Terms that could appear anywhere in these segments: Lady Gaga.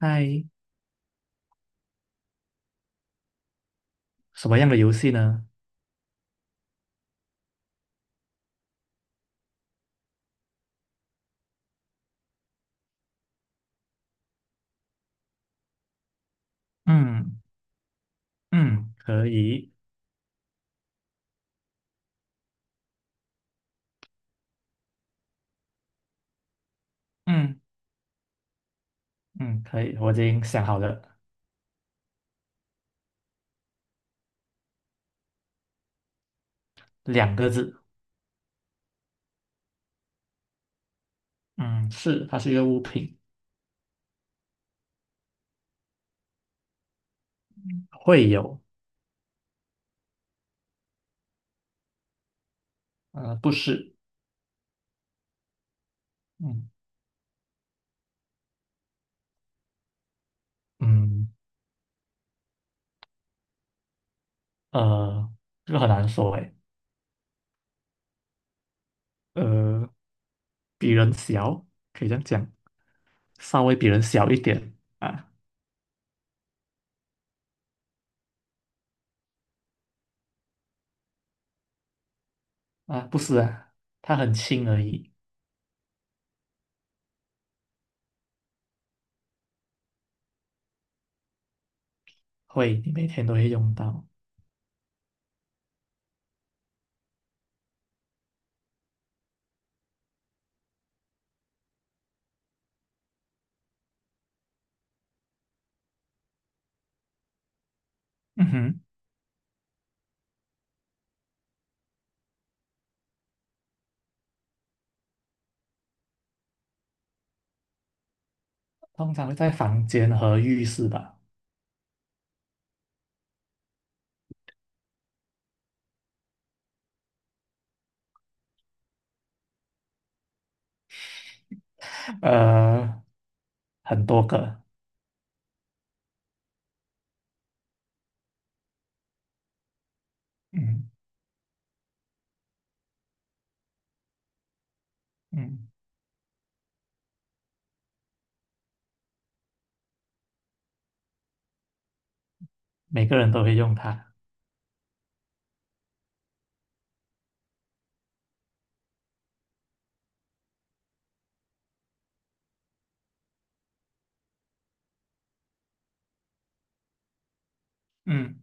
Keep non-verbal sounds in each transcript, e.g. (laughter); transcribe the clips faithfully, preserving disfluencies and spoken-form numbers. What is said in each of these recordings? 嗨，什么样的游戏呢？嗯嗯可以，嗯嗯可以，我已经想好了，两个字，嗯是，它是一个物品，会有，呃，不是，嗯，嗯，呃，这个很难说诶，呃，比人小，可以这样讲，稍微比人小一点啊啊，不是啊，它很轻而已，会，你每天都会用到，嗯哼，通常会在房间和浴室吧，呃，很多个，嗯。嗯，每个人都会用它。嗯，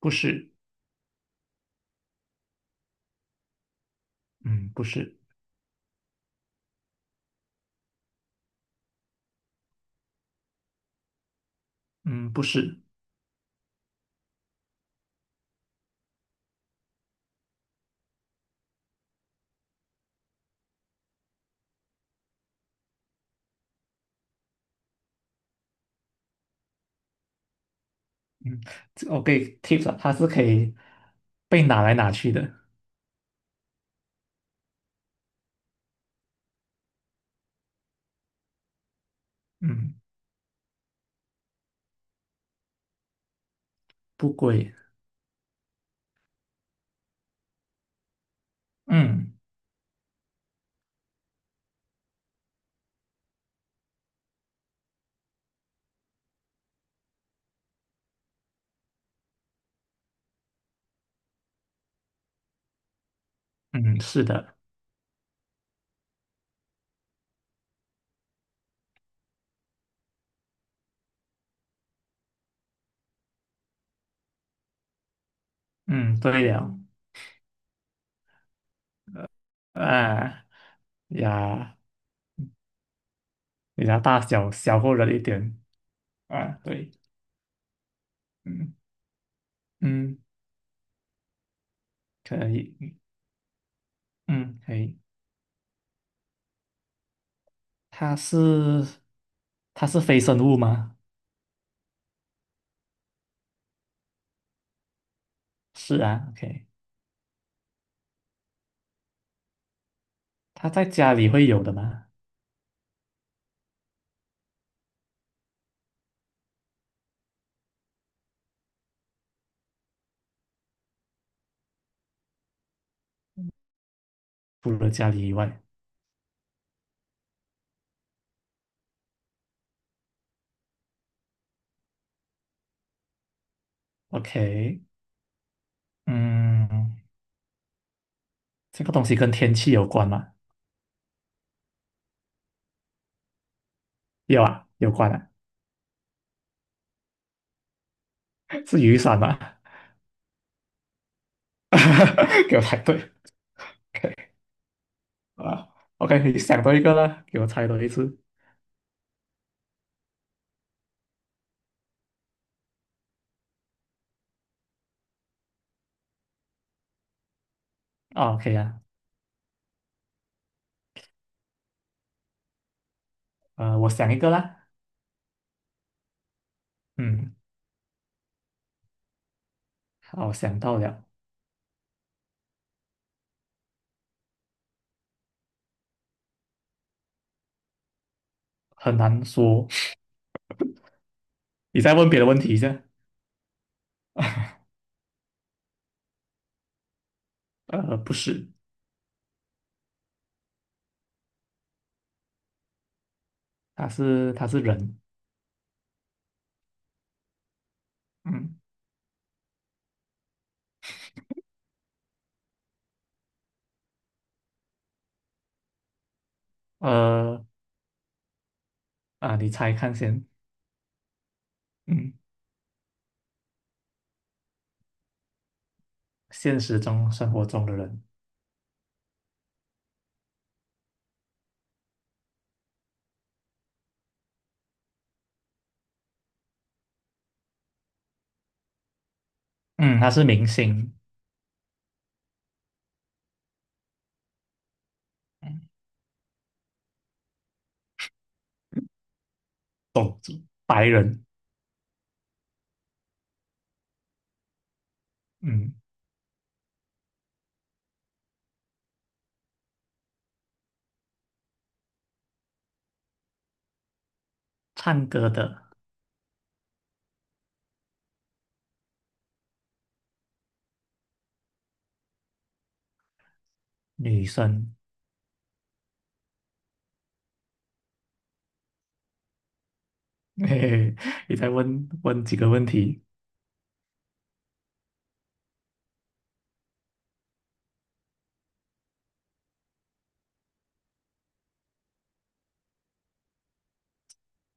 不是，嗯，不是，嗯，不是，嗯，这我给 tips 啊，它是可以被拿来拿去的。嗯，不贵。嗯，嗯，是的。嗯，对了。啊呀，你的大小小过了一点。啊，对。嗯嗯，可以。嗯，可以。它是它是非生物吗？是啊，OK。它在家里会有的吗？除了家里以外，OK。嗯，这个东西跟天气有关吗？有啊，有关啊，是雨伞吗？(laughs) 给我猜对，OK 啊，OK，你想到一个啦，给我猜多一次啊，OK 啊，呃，我想一个啦，嗯，好，想到了，很难说，你再问别的问题一下，呃，不是，他是他是人，嗯，呃啊，你猜看先，嗯，现实中生活中的人，嗯，他是明星，嗯，懂白人，嗯，唱歌的。女生，(laughs) 嘿嘿，你再问问几个问题，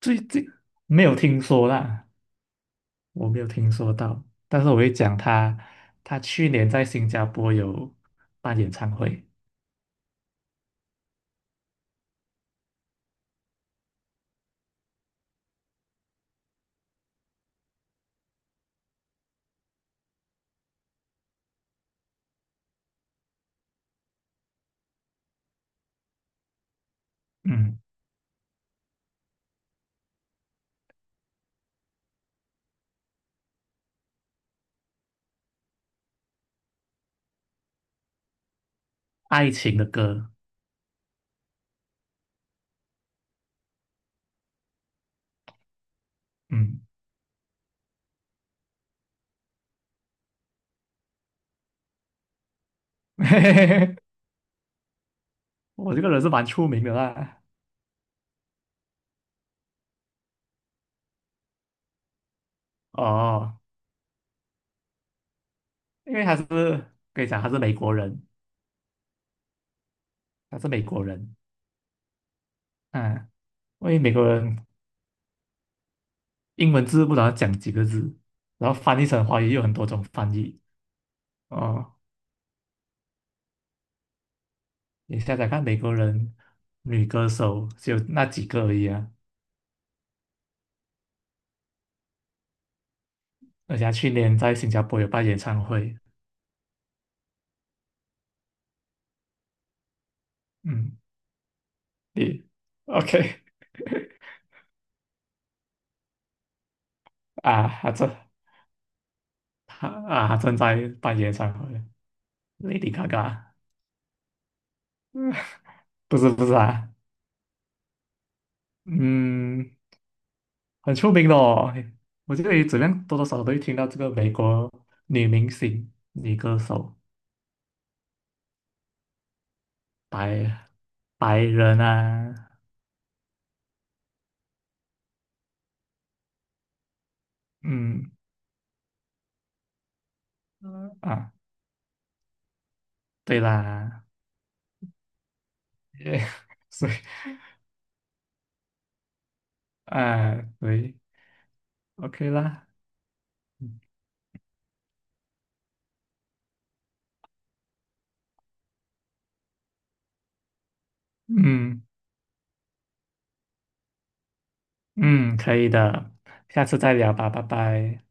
最近没有听说啦，我没有听说到，但是我会讲她，她去年在新加坡有办演唱会，嗯，爱情的歌，嗯，(laughs) 嘿嘿嘿，我这个人是蛮出名的啦，哦，因为他是可以讲他是美国人，他是美国人，嗯，因为美国人英文字不知道讲几个字，然后翻译成华语有很多种翻译。哦，你想想看，美国人女歌手只有那几个而已啊，而且她去年在新加坡有办演唱会，嗯，你 OK (laughs) 啊？还正她啊，她正在办演唱会，Lady Gaga 不是不是啊，嗯，很出名的哦，我觉得怎么样多多少少都会听到这个美国女明星、女歌手，白白人啊，嗯嗯啊，对啦，也 (laughs) 所以啊，对。OK 啦，嗯嗯，可以的，下次再聊吧，拜拜。